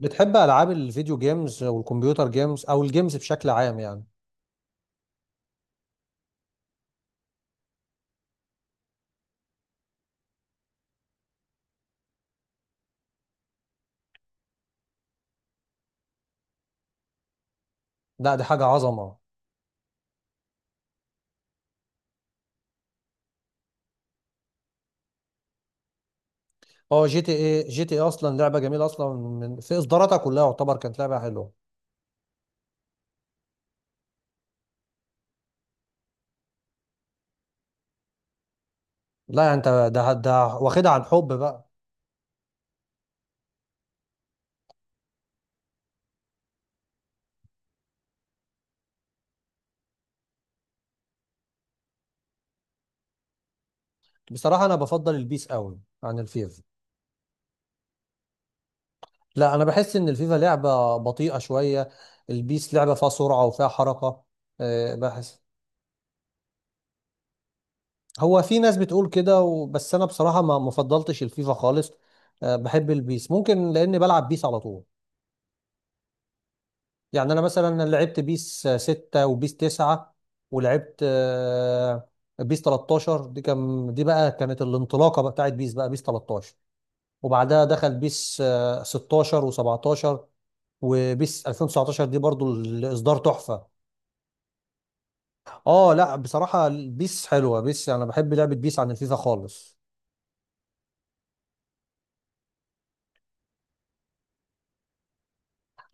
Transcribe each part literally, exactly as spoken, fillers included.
بتحب العاب الفيديو جيمز والكمبيوتر جيمز او الجيمز بشكل عام يعني. لا دي حاجه عظمه. اه جي تي اي، جي تي اي اصلا لعبه جميله اصلا من في اصداراتها كلها يعتبر كانت لعبه حلوه. لا يعني انت ده ده واخدها عن حب بقى. بصراحه انا بفضل البيس قوي عن الفيفا. لا انا بحس ان الفيفا لعبه بطيئه شويه. البيس لعبه فيها سرعه وفيها حركه. آه، بحس. هو في ناس بتقول كده و- بس انا بصراحه ما مفضلتش الفيفا خالص. آه، بحب البيس ممكن لاني بلعب بيس على طول. يعني انا مثلا لعبت بيس ستة وبيس تسعة، ولعبت آه، بيس تلتاشر. دي كان دي بقى كانت الانطلاقه بقى بتاعت بيس بقى بيس تلتاشر. وبعدها دخل بيس آه، ستاشر و17، وبيس الفين وتسعتاشر دي برضو الاصدار تحفه. اه لا بصراحه بيس حلوه، بيس انا بحب لعبه بيس عن الفيفا خالص.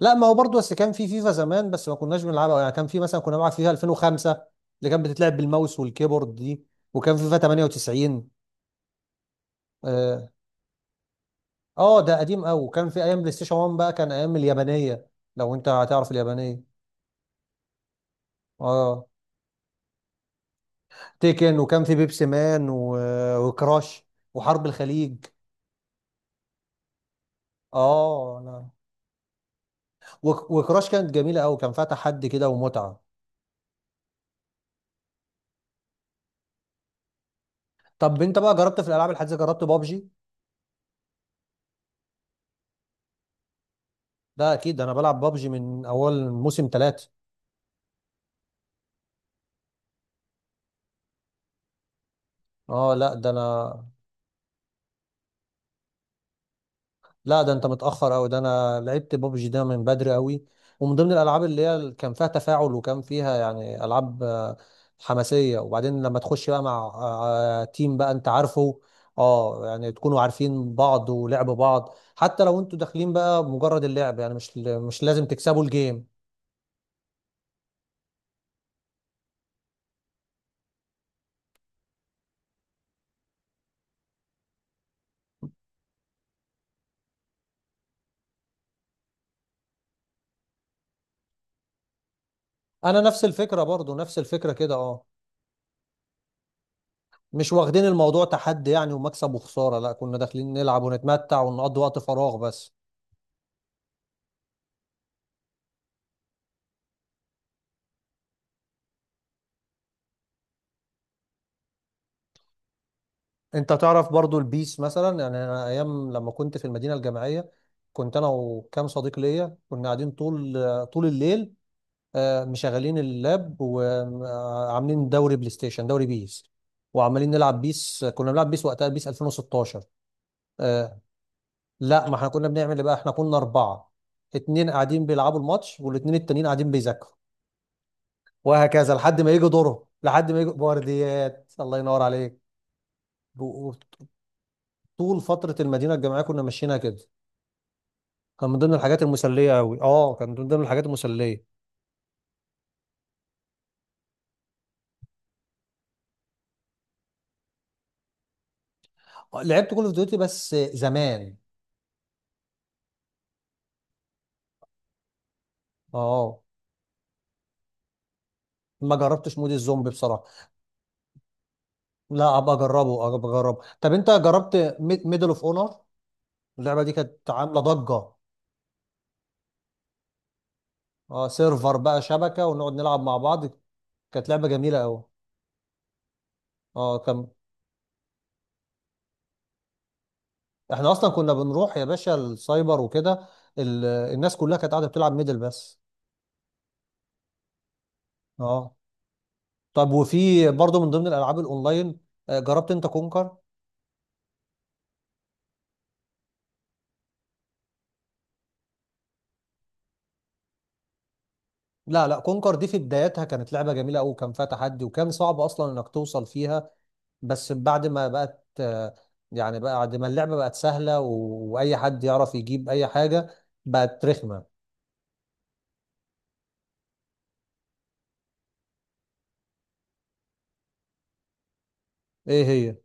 لا ما هو برضو بس كان في فيفا زمان بس ما كناش بنلعبها، يعني كان في مثلا كنا بنلعب فيفا الفين وخمسة اللي كان بتتلعب بالماوس والكيبورد دي، وكان فيفا تمانية وتسعين. اه ده قديم قوي، كان في ايام بلاي ستيشن واحد بقى، كان ايام اليابانيه. لو انت هتعرف اليابانيه. اه تيكن، وكان في بيبسي مان و... وكراش وحرب الخليج. اه لا. وك... وكراش كانت جميله قوي، كان فيها تحدي كده ومتعه. طب انت بقى جربت في الالعاب الحديثه، جربت بابجي؟ ده اكيد، ده انا بلعب بابجي من اول موسم ثلاثة. اه لا ده انا. لا ده انت متأخر قوي، ده انا لعبت بابجي ده من بدري قوي. ومن ضمن الالعاب اللي هي ال- كان فيها تفاعل وكان فيها يعني العاب آه، حماسية. وبعدين لما تخش بقى مع آه، آه، تيم بقى، انت عارفه. اه يعني تكونوا عارفين بعض ولعب بعض، حتى لو انتوا داخلين بقى بمجرد اللعب، يعني مش ل- مش لازم تكسبوا الجيم. انا نفس الفكرة برضو، نفس الفكرة كده اه. مش واخدين الموضوع تحدي يعني، ومكسب وخسارة، لا كنا داخلين نلعب ونتمتع ونقضي وقت فراغ بس. انت تعرف برضو البيس مثلا، يعني انا ايام لما كنت في المدينه الجامعيه كنت انا وكام صديق ليا كنا قاعدين طول طول الليل، آه، مشغلين اللاب وعاملين دوري بلاي ستيشن، دوري بيس. وعمالين نلعب بيس، كنا بنلعب بيس وقتها بيس الفين وستاشر. آه، لا ما احنا كنا بنعمل ايه بقى، احنا كنا اربعه، اتنين قاعدين بيلعبوا الماتش والاتنين التانيين قاعدين بيذاكروا. وهكذا لحد ما يجي دوره، لحد ما يجي بورديات الله ينور عليك. و- و- طول فتره المدينه الجامعيه كنا ماشيينها كده. كان من ضمن الحاجات المسلية أوي، اه كان من ضمن الحاجات المسلية. آه، لعبت كول اوف ديوتي بس زمان. اه ما جربتش مود الزومبي بصراحة. لا ابقى اجربه، ابقى اجربه. طب انت جربت ميدل اوف اونر؟ اللعبة دي كانت عاملة ضجة. اه سيرفر بقى، شبكة ونقعد نلعب مع بعض. كانت لعبة جميلة قوي. اه كان. احنا اصلا كنا بنروح يا باشا السايبر وكده. ال... الناس كلها كانت قاعدة بتلعب ميدل بس. اه. طب وفي برضه من ضمن الالعاب الاونلاين، آه، جربت انت كونكر؟ لا لا، كونكر دي في بدايتها كانت لعبة جميلة أوي، وكان فيها تحدي، وكان صعب أصلا إنك توصل فيها. بس بعد ما بقت آه، يعني بعد ما اللعبة بقت سهلة و- وأي حد يعرف يجيب أي حاجة، بقت رخمة. إيه هي؟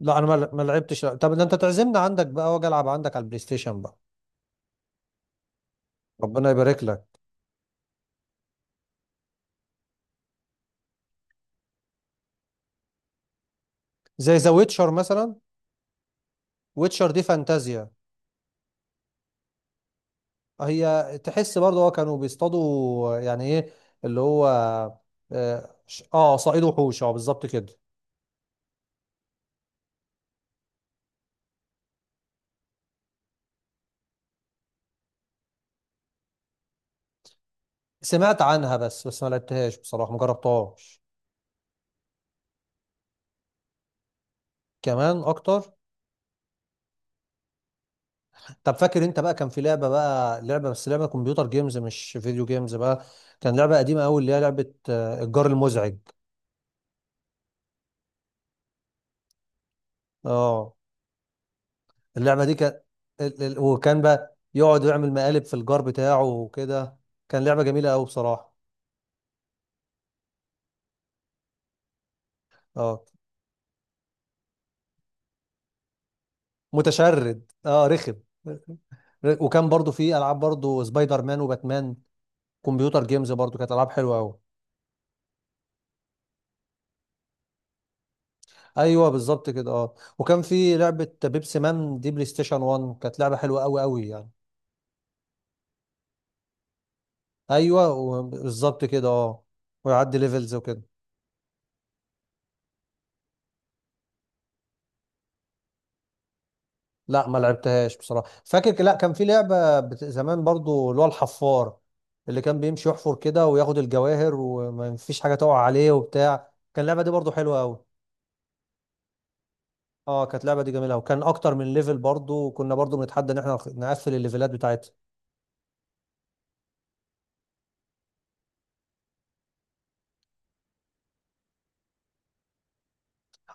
لا أنا ما ما لعبتش. طب ده أنت تعزمنا عندك بقى وأجي ألعب عندك على البلاي ستيشن بقى. ربنا يبارك لك. زي ذا ويتشر مثلا. ويتشر دي فانتازيا. هي تحس برضه، هو كانوا بيصطادوا يعني إيه، اللي هو. آه ش- آه صائد وحوش، أه بالظبط كده. سمعت عنها بس، بس ما لعبتهاش بصراحة، ما جربتهاش. كمان اكتر. طب فاكر انت بقى كان في لعبة بقى، لعبة بس لعبة كمبيوتر جيمز مش فيديو جيمز بقى. كان لعبة قديمة قوي، اللي هي لعبة آه، الجار المزعج. اه اللعبة دي كان ال- ال- وكان بقى يقعد يعمل مقالب في الجار بتاعه وكده. كان لعبة جميلة قوي بصراحة. اه متشرد، اه رخم. ر- وكان برضو في العاب برضو سبايدر مان وباتمان، كمبيوتر جيمز برضو، كانت العاب حلوة قوي. ايوه بالظبط كده اه. وكان في لعبه بيبسي مان دي بلاي ستيشن واحد، كانت لعبه حلوه قوي قوي يعني. ايوه و- بالظبط كده اه. ويعدي ليفلز وكده. لا ما لعبتهاش بصراحه. فاكر ك- لا كان في لعبه بت... زمان برضو اللي هو الحفار، اللي كان بيمشي يحفر كده وياخد الجواهر وما فيش حاجه تقع عليه وبتاع، كان اللعبه دي برضو حلوه قوي. اه كانت اللعبه دي جميله، وكان اكتر من ليفل برضو، وكنا برضو بنتحدى ان احنا نقفل الليفلات بتاعتها.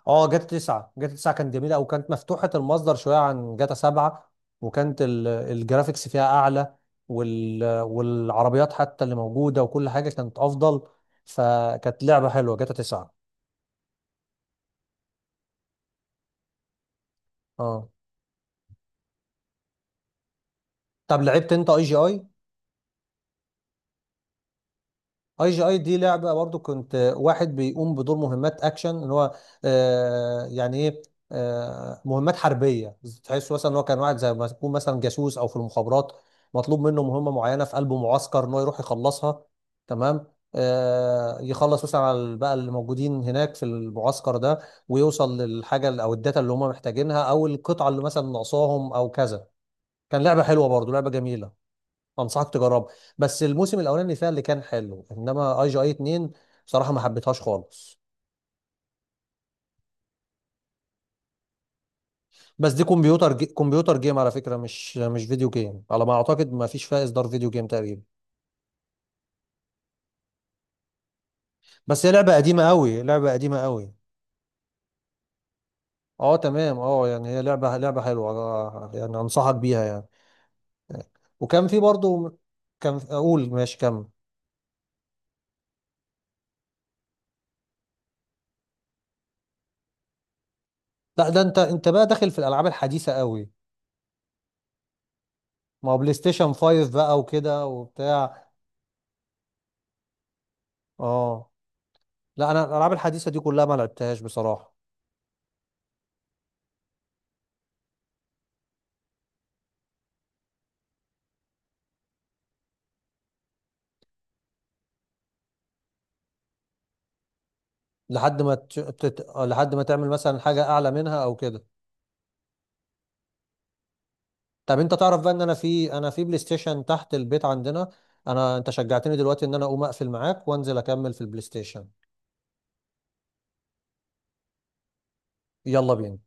اه جاتا تسعة، جاتا تسعة كانت جميله، او كانت مفتوحه المصدر شويه عن جاتا سبعة. وكانت ال- الجرافيكس فيها اعلى، وال والعربيات حتى اللي موجوده وكل حاجه كانت افضل، فكانت لعبه حلوه جاتا تسعة. اه طب لعبت انت اي جي اي؟ اي جي اي دي لعبه برضو، كنت واحد بيقوم بدور مهمات اكشن، ان هو آه يعني ايه، آه مهمات حربيه. تحس مثلا ان هو كان واحد زي ما يكون مثلا جاسوس او في المخابرات، مطلوب منه مهمه معينه في قلب معسكر ان هو يروح يخلصها. تمام. آه يخلص مثلا على ال- بقى اللي موجودين هناك في المعسكر ده، ويوصل للحاجه ال- او الداتا اللي هم محتاجينها، او القطعه اللي مثلا ناقصاهم، او كذا. كان لعبه حلوه برضو، لعبه جميله، انصحك تجربها. بس الموسم الاولاني فيها اللي كان حلو، انما اي جي اي اتنين بصراحه ما حبيتهاش خالص. بس دي كمبيوتر جي... كمبيوتر جيم على فكره، مش مش فيديو جيم على ما اعتقد، ما فيش فيها اصدار فيديو جيم تقريبا. بس هي لعبه قديمه قوي، لعبه قديمه قوي. اه تمام، اه يعني هي لعبه لعبه حلوه، آه، يعني انصحك بيها يعني. وكان في برضو. كان اقول ماشي كمل. لا ده انت، انت بقى داخل في الالعاب الحديثه قوي. ما هو بلاي ستيشن خمسة بقى وكده وبتاع. اه لا انا الالعاب الحديثه دي كلها ما لعبتهاش بصراحه. لحد ما تش... تت... آه، لحد ما تعمل مثلا حاجه اعلى منها او كده. طب انت تعرف بقى ان انا في انا في بلاي ستيشن تحت البيت عندنا. انا انت شجعتني دلوقتي ان انا اقوم اقفل معاك وانزل اكمل في البلاي ستيشن. يلا بينا.